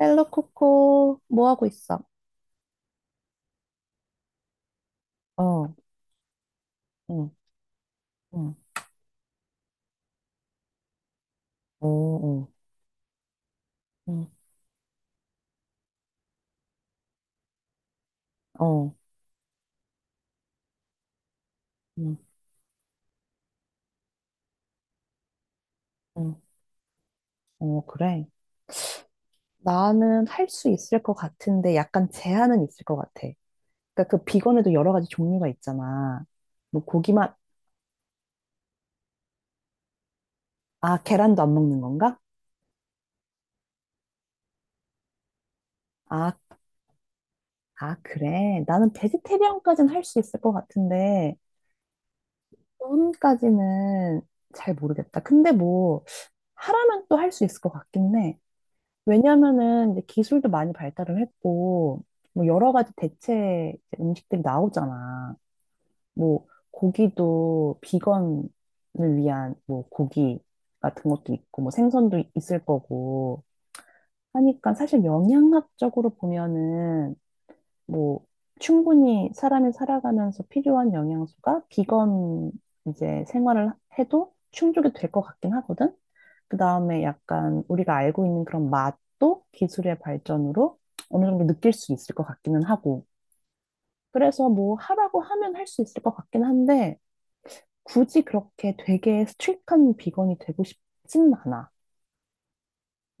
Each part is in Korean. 헬로 코코, 뭐 하고 있어? 어, 응, 응, 어, 어, 음. 어, 응, 응, 어, 그래. 음. 나는 할 수 있을 것 같은데 약간 제한은 있을 것 같아. 그러니까 그 비건에도 여러 가지 종류가 있잖아. 뭐 고기만, 아, 계란도 안 먹는 건가? 아, 아, 그래. 나는 베지테리언까지는 할 수 있을 것 같은데 돈까지는 잘 모르겠다. 근데 뭐 하라면 또 할 수 있을 것 같긴 해. 왜냐면은 이제 기술도 많이 발달을 했고, 뭐 여러 가지 대체 이제 음식들이 나오잖아. 뭐 고기도 비건을 위한 뭐 고기 같은 것도 있고, 뭐 생선도 있을 거고 하니까 사실 영양학적으로 보면은 뭐 충분히 사람이 살아가면서 필요한 영양소가 비건 이제 생활을 해도 충족이 될 것 같긴 하거든. 그 다음에 약간 우리가 알고 있는 그런 맛도 기술의 발전으로 어느 정도 느낄 수 있을 것 같기는 하고. 그래서 뭐 하라고 하면 할 수 있을 것 같긴 한데 굳이 그렇게 되게 스트릭한 비건이 되고 싶지는 않아.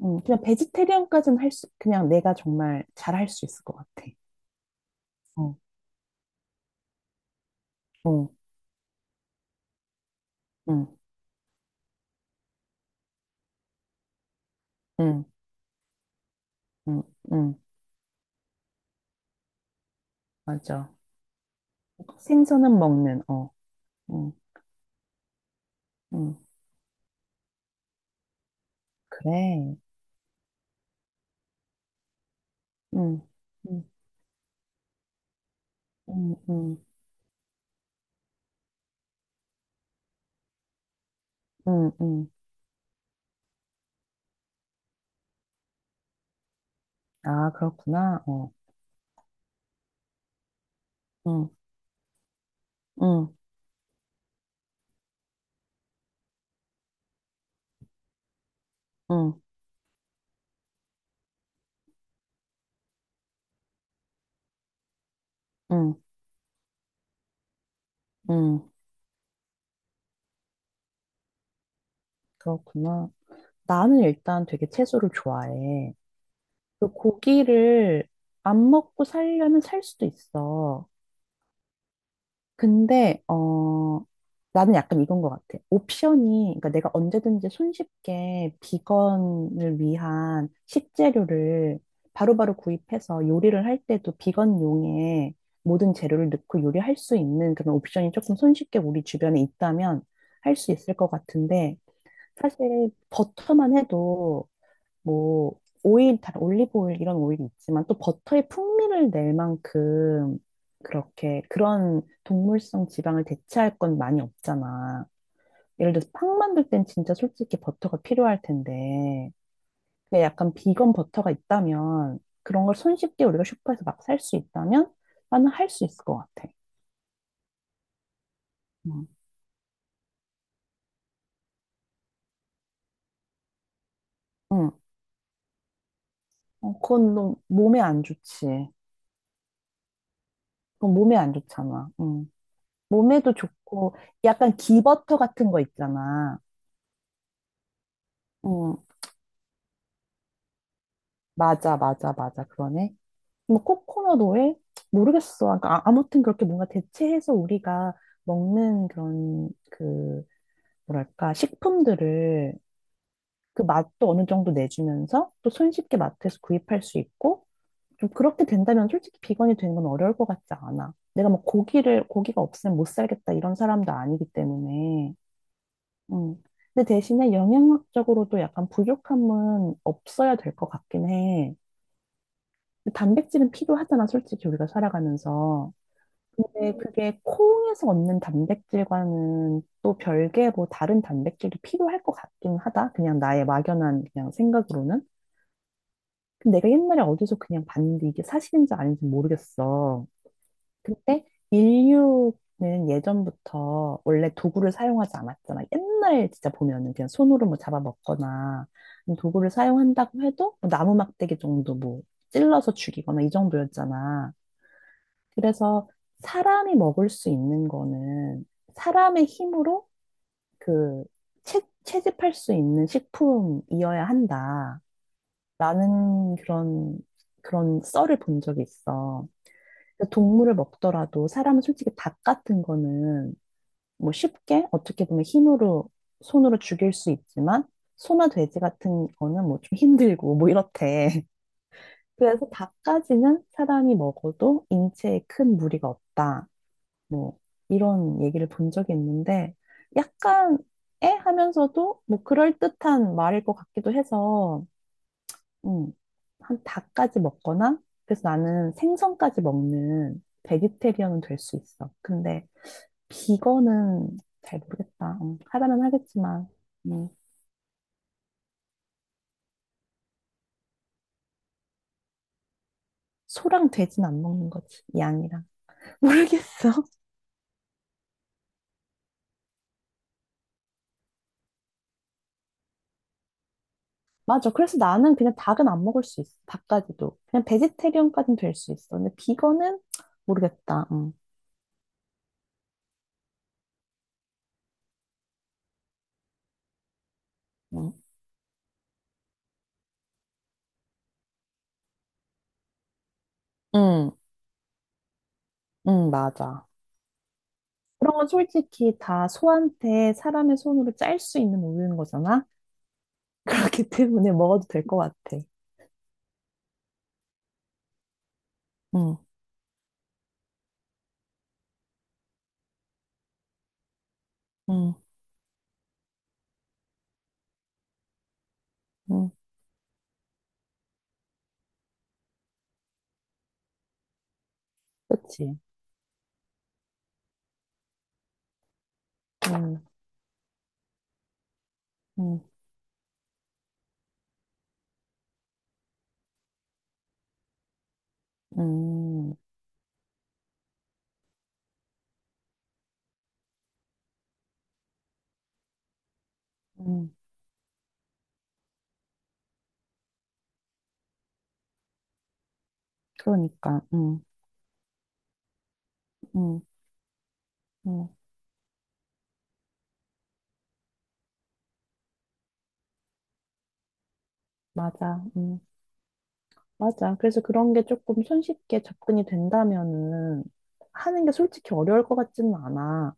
그냥 베지테리언까지는 할 수, 그냥 내가 정말 잘 할 수 있을 것 같아. 어, 어, 응, 응, 응, 응. 맞아. 생선은 먹는, 어, 응, 응, 그래. 응, 응 응, 응, 응, 응. 아, 그렇구나. 어, 응, 응, 응, 응, 응. 그렇구나. 나는 일단 되게 채소를 좋아해. 그 고기를 안 먹고 살려면 살 수도 있어. 근데 나는 약간 이건 것 같아. 옵션이 그러니까 내가 언제든지 손쉽게 비건을 위한 식재료를 바로바로 구입해서 요리를 할 때도 비건용의 모든 재료를 넣고 요리할 수 있는 그런 옵션이 조금 손쉽게 우리 주변에 있다면 할 수 있을 것 같은데 사실 버터만 해도 뭐 오일, 다 올리브 오일 이런 오일이 있지만 또 버터의 풍미를 낼 만큼 그렇게 그런 동물성 지방을 대체할 건 많이 없잖아. 예를 들어서 팡 만들 땐 진짜 솔직히 버터가 필요할 텐데 근데 약간 비건 버터가 있다면 그런 걸 손쉽게 우리가 슈퍼에서 막 살 수 있다면 나는 할 수 있을 것 같아. 응. 응. 어, 그건 너무 몸에 안 좋지. 그건 몸에 안 좋잖아. 응. 몸에도 좋고 약간 기버터 같은 거 있잖아. 응. 맞아, 맞아, 맞아. 그러네. 뭐 코코넛 오일? 모르겠어. 그러니까 아무튼 그렇게 뭔가 대체해서 우리가 먹는 그런 그 뭐랄까 식품들을 그 맛도 어느 정도 내주면서 또 손쉽게 마트에서 구입할 수 있고 좀 그렇게 된다면 솔직히 비건이 되는 건 어려울 것 같지 않아. 내가 뭐 고기를 고기가 없으면 못 살겠다 이런 사람도 아니기 때문에. 음. 근데 대신에 영양학적으로도 약간 부족함은 없어야 될 것 같긴 해. 단백질은 필요하잖아, 솔직히 우리가 살아가면서. 근데 그게 콩에서 얻는 단백질과는 또 별개로 다른 단백질이 필요할 것 같긴 하다. 그냥 나의 막연한 그냥 생각으로는. 근데 내가 옛날에 어디서 그냥 봤는데 이게 사실인지 아닌지 모르겠어. 근데 인류는 예전부터 원래 도구를 사용하지 않았잖아. 옛날 진짜 보면은 그냥 손으로 뭐 잡아먹거나 도구를 사용한다고 해도 뭐 나무 막대기 정도 뭐 찔러서 죽이거나 이 정도였잖아. 그래서 사람이 먹을 수 있는 거는 사람의 힘으로 그 채집할 수 있는 식품이어야 한다라는 그런 그런 썰을 본 적이 있어. 그래서 동물을 먹더라도 사람은 솔직히 닭 같은 거는 뭐 쉽게 어떻게 보면 힘으로 손으로 죽일 수 있지만 소나 돼지 같은 거는 뭐 좀 힘들고 뭐 이렇대. 그래서 닭까지는 사람이 먹어도 인체에 큰 무리가 없다. 뭐 이런 얘기를 본 적이 있는데 약간 애 하면서도 뭐 그럴듯한 말일 것 같기도 해서 음, 한 닭까지 먹거나 그래서 나는 생선까지 먹는 베지테리언은 될 수 있어. 근데 비건은 잘 모르겠다. 하라면 하겠지만 음, 소랑 돼지는 안 먹는 거지. 양이랑. 모르겠어. 맞아. 그래서 나는 그냥 닭은 안 먹을 수 있어. 닭까지도. 그냥 베지테리언까지는 될 수 있어. 근데 비건은 모르겠다. 음. 응, 응, 응, 맞아. 그런 건 솔직히 다 소한테 사람의 손으로 짤 수 있는 우유인 거잖아? 그렇기 때문에 먹어도 될 것 같아. 응, 응, 응, 그치. 응, 응, 응, 응. 그러니까, 응, 응, 응, 맞아, 응, 맞아. 그래서 그런 게 조금 손쉽게 접근이 된다면은 하는 게 솔직히 어려울 것 같지는 않아.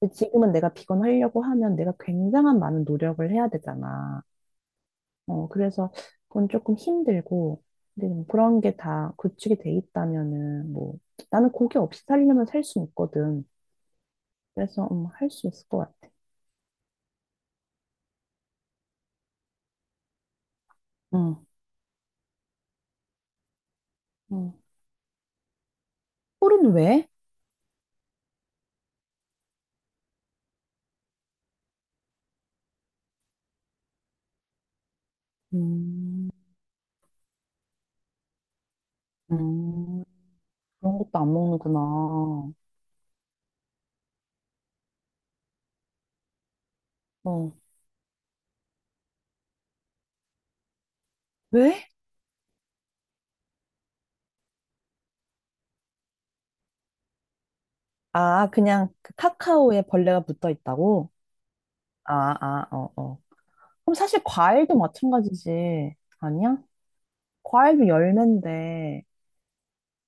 근데 지금은 내가 비건 하려고 하면 내가 굉장한 많은 노력을 해야 되잖아. 어, 그래서 그건 조금 힘들고, 근데 좀 그런 게 다 구축이 돼 있다면은, 뭐, 나는 고기 없이 살려면 살 수 있거든. 그래서, 할 수 있을 것 같아. 응, 응. 꿀은 왜? 음, 음, 그런 것도 안 먹는구나. 어, 왜? 아, 그냥 그 카카오에 벌레가 붙어 있다고? 아, 아, 어, 어. 그럼 사실 과일도 마찬가지지. 아니야? 과일도 열매인데,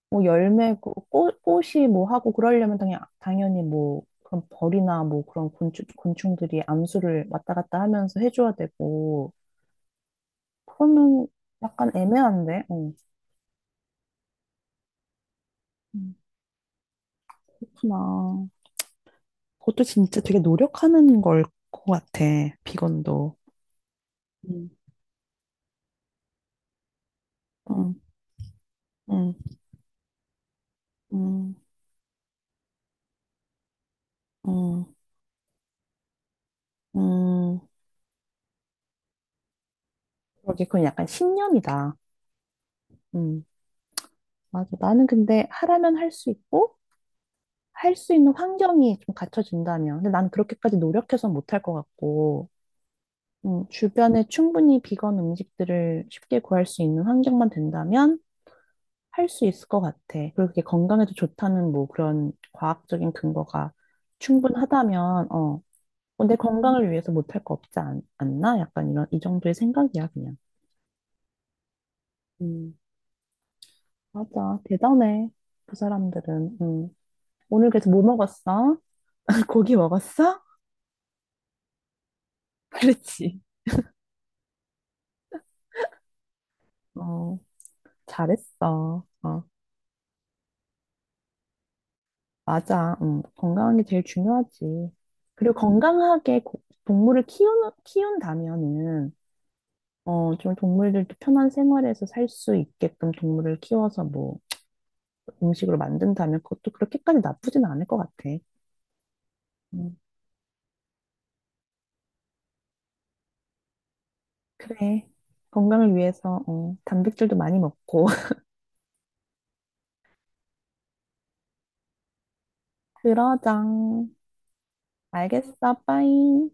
뭐 열매, 그 꽃, 꽃이 뭐 하고 그러려면 당연히 뭐 그런 벌이나 뭐 그런 곤충들이 암수를 왔다 갔다 하면서 해줘야 되고 그러면 약간 애매한데? 어. 음, 그렇구나. 그것도 진짜 되게 노력하는 걸 것 같아, 비건도. 음. 음, 음, 음, 음, 음. 그러게 그건 약간 신념이다. 음, 맞아. 나는 근데 하라면 할 수 있고 할 수 있는 환경이 좀 갖춰진다면. 근데 난 그렇게까지 노력해서 못할 것 같고, 주변에 충분히 비건 음식들을 쉽게 구할 수 있는 환경만 된다면 할 수 있을 것 같아. 그리고 그게 건강에도 좋다는 뭐 그런 과학적인 근거가 충분하다면, 어, 어, 내 건강을 위해서 못할 거 없지 않, 나 약간 이런, 이 정도의 생각이야, 그냥. 음, 맞아. 대단해. 그 사람들은. 음. 오늘 그래서 뭐 먹었어? 고기 먹었어? 그렇지. 어. 잘했어. 어, 맞아. 건강한 게 제일 중요하지. 그리고 건강하게 동물을 키운다면은, 어, 좀 동물들도 편한 생활에서 살 수 있게끔 동물을 키워서 뭐 음식으로 만든다면 그것도 그렇게까지 나쁘진 않을 것 같아. 음, 그래. 건강을 위해서, 어, 단백질도 많이 먹고. 그러자. 알겠어. 빠이.